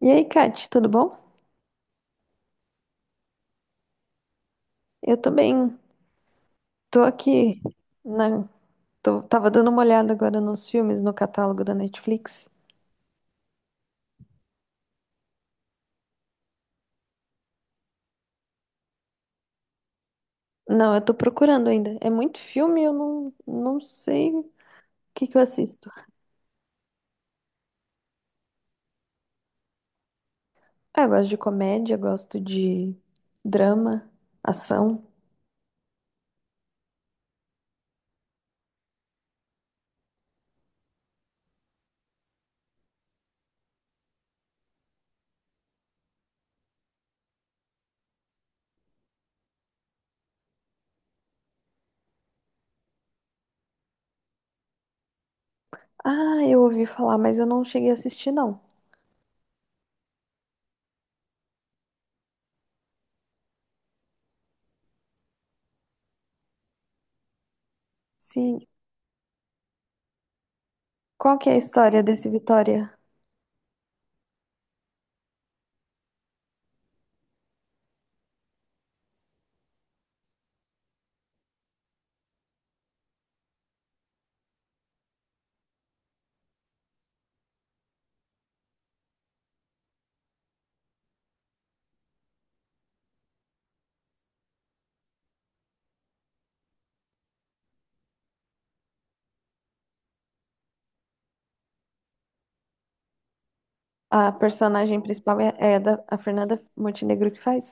E aí, Kate, tudo bom? Eu tô bem. Tô aqui na... Tava dando uma olhada agora nos filmes no catálogo da Netflix. Não, eu tô procurando ainda. É muito filme, eu não sei o que que eu assisto. Ah, eu gosto de comédia, gosto de drama, ação. Ah, eu ouvi falar, mas eu não cheguei a assistir, não. Sim. Qual que é a história desse Vitória? A personagem principal é a Fernanda Montenegro que faz?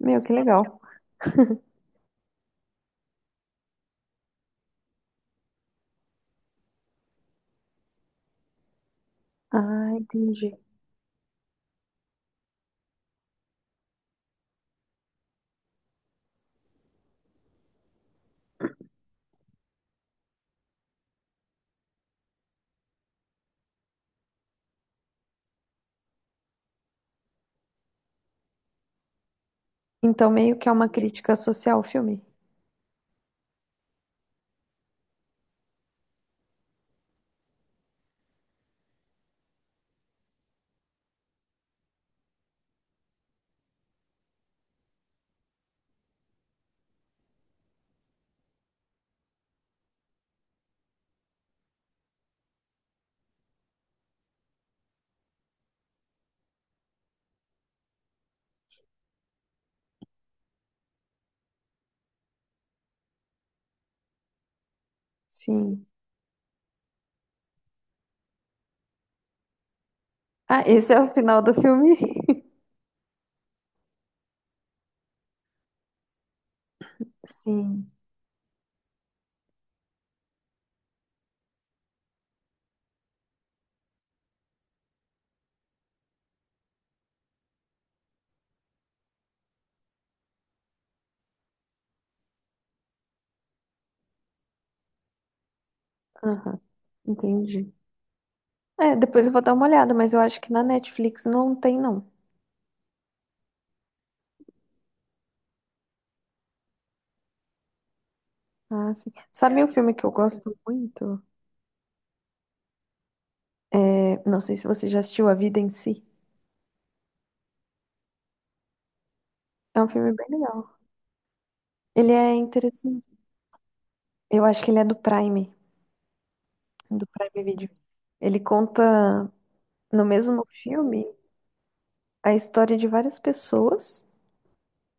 Meu, que legal. Ah, entendi. Então, meio que é uma crítica social o filme. Sim. Ah, esse é o final do filme? Sim. Aham. Entendi. É, depois eu vou dar uma olhada, mas eu acho que na Netflix não tem, não. Ah, sim. Sabe um filme que eu gosto muito? É, não sei se você já assistiu A Vida em Si. É um filme bem legal. Ele é interessante. Eu acho que ele é do Prime Video. Ele conta no mesmo filme a história de várias pessoas.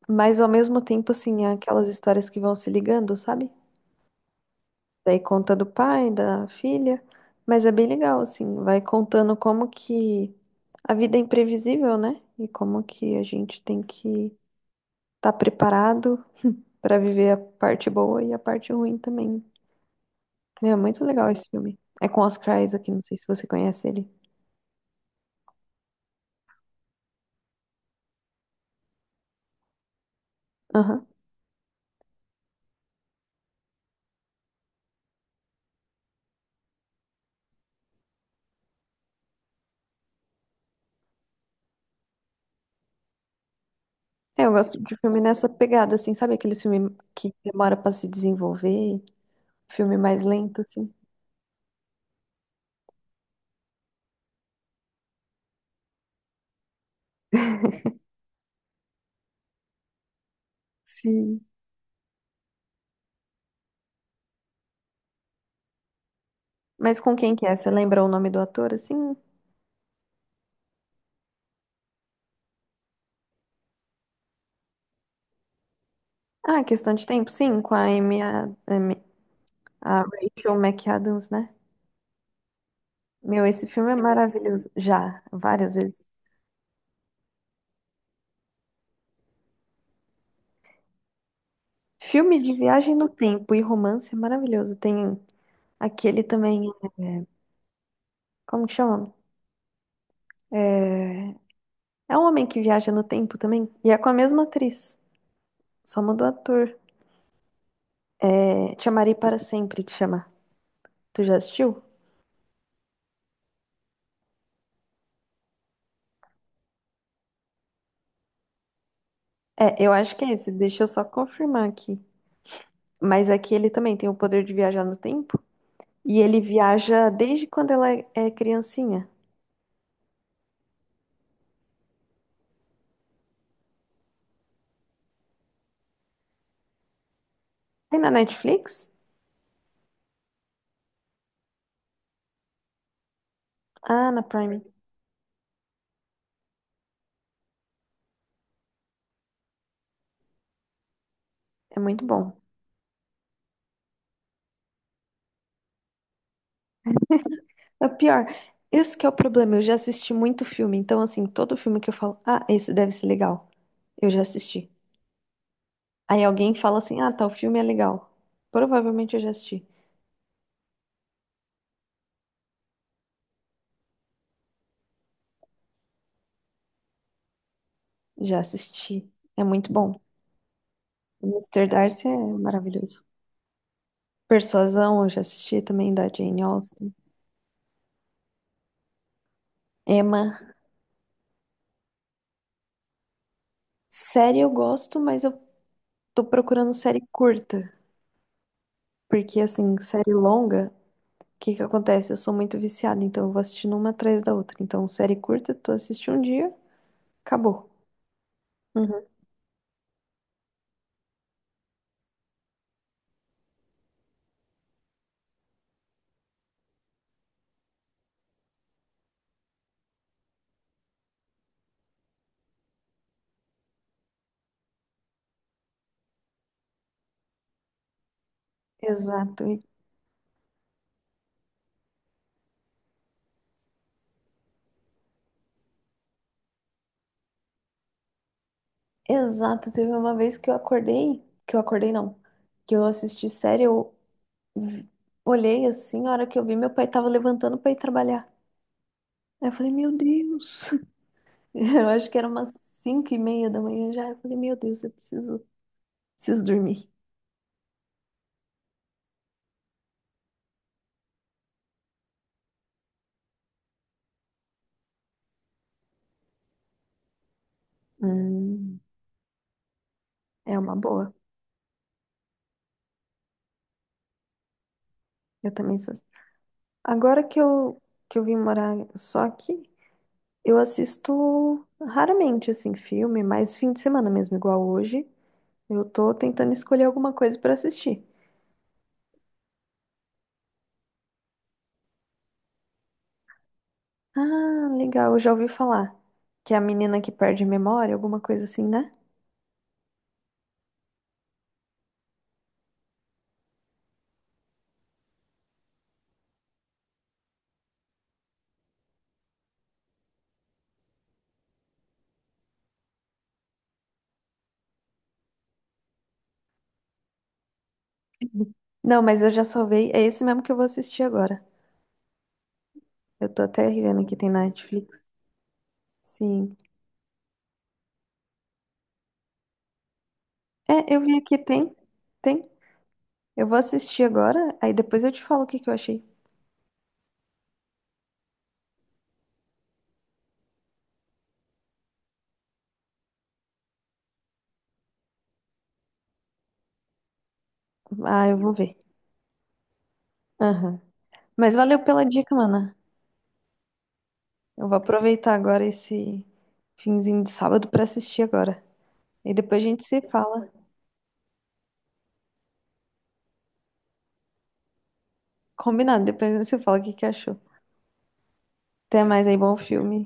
Mas ao mesmo tempo, assim, é aquelas histórias que vão se ligando, sabe? Daí conta do pai, da filha. Mas é bem legal, assim, vai contando como que a vida é imprevisível, né? E como que a gente tem que estar preparado pra viver a parte boa e a parte ruim também. Meu, é muito legal esse filme. É com Oscar Isaac, não sei se você conhece ele. Aham. É, eu gosto de filme nessa pegada, assim, sabe aquele filme que demora pra se desenvolver? Filme mais lento, assim. Sim. Mas com quem que é? Você lembra o nome do ator, assim? Ah, é questão de tempo, sim, com a a Rachel McAdams, né? Meu, esse filme é maravilhoso. Já, várias vezes. Filme de viagem no tempo e romance é maravilhoso. Tem aquele também, como que chama? É, é um homem que viaja no tempo também. E é com a mesma atriz, só mudou ator. É, Te Amarei Para Sempre, que chama. Tu já assistiu? É, eu acho que é esse. Deixa eu só confirmar aqui. Mas aqui ele também tem o poder de viajar no tempo. E ele viaja desde quando ela é criancinha. Tem na Netflix? Ah, na Prime. É muito bom. É pior, esse que é o problema. Eu já assisti muito filme, então assim, todo filme que eu falo, ah, esse deve ser legal. Eu já assisti. Aí alguém fala assim, ah, tal filme é legal. Provavelmente eu já assisti. Já assisti. É muito bom. O Mr. Darcy é maravilhoso. Persuasão, eu já assisti também da Jane Austen. Emma. Série eu gosto, mas eu tô procurando série curta. Porque, assim, série longa, o que que acontece? Eu sou muito viciada, então eu vou assistindo uma atrás da outra. Então, série curta, tu assiste um dia, acabou. Uhum. Exato, e- Exato. Teve uma vez que eu acordei não, que eu assisti série, vi- olhei assim, a hora que eu vi, meu pai tava levantando pra ir trabalhar. Aí eu falei, meu Deus, eu acho que era umas cinco e meia da manhã já. Eu falei, meu Deus, preciso dormir. Hum, é uma boa. Eu também sou. Agora que eu vim morar só aqui, eu assisto raramente, assim, filme, mais fim de semana mesmo, igual hoje. Eu tô tentando escolher alguma coisa pra assistir. Ah, legal, eu já ouvi falar. Que é a menina que perde a memória, alguma coisa assim, né? Não, mas eu já salvei. É esse mesmo que eu vou assistir agora. Eu tô até vendo que tem na Netflix. Sim. É, eu vi aqui, tem. Tem. Eu vou assistir agora, aí depois eu te falo o que que eu achei. Ah, eu vou ver. Aham. Mas valeu pela dica, mana. Eu vou aproveitar agora esse finzinho de sábado pra assistir agora. E depois a gente se fala. Combinado, depois a gente se fala o que que achou. Até mais aí, bom filme.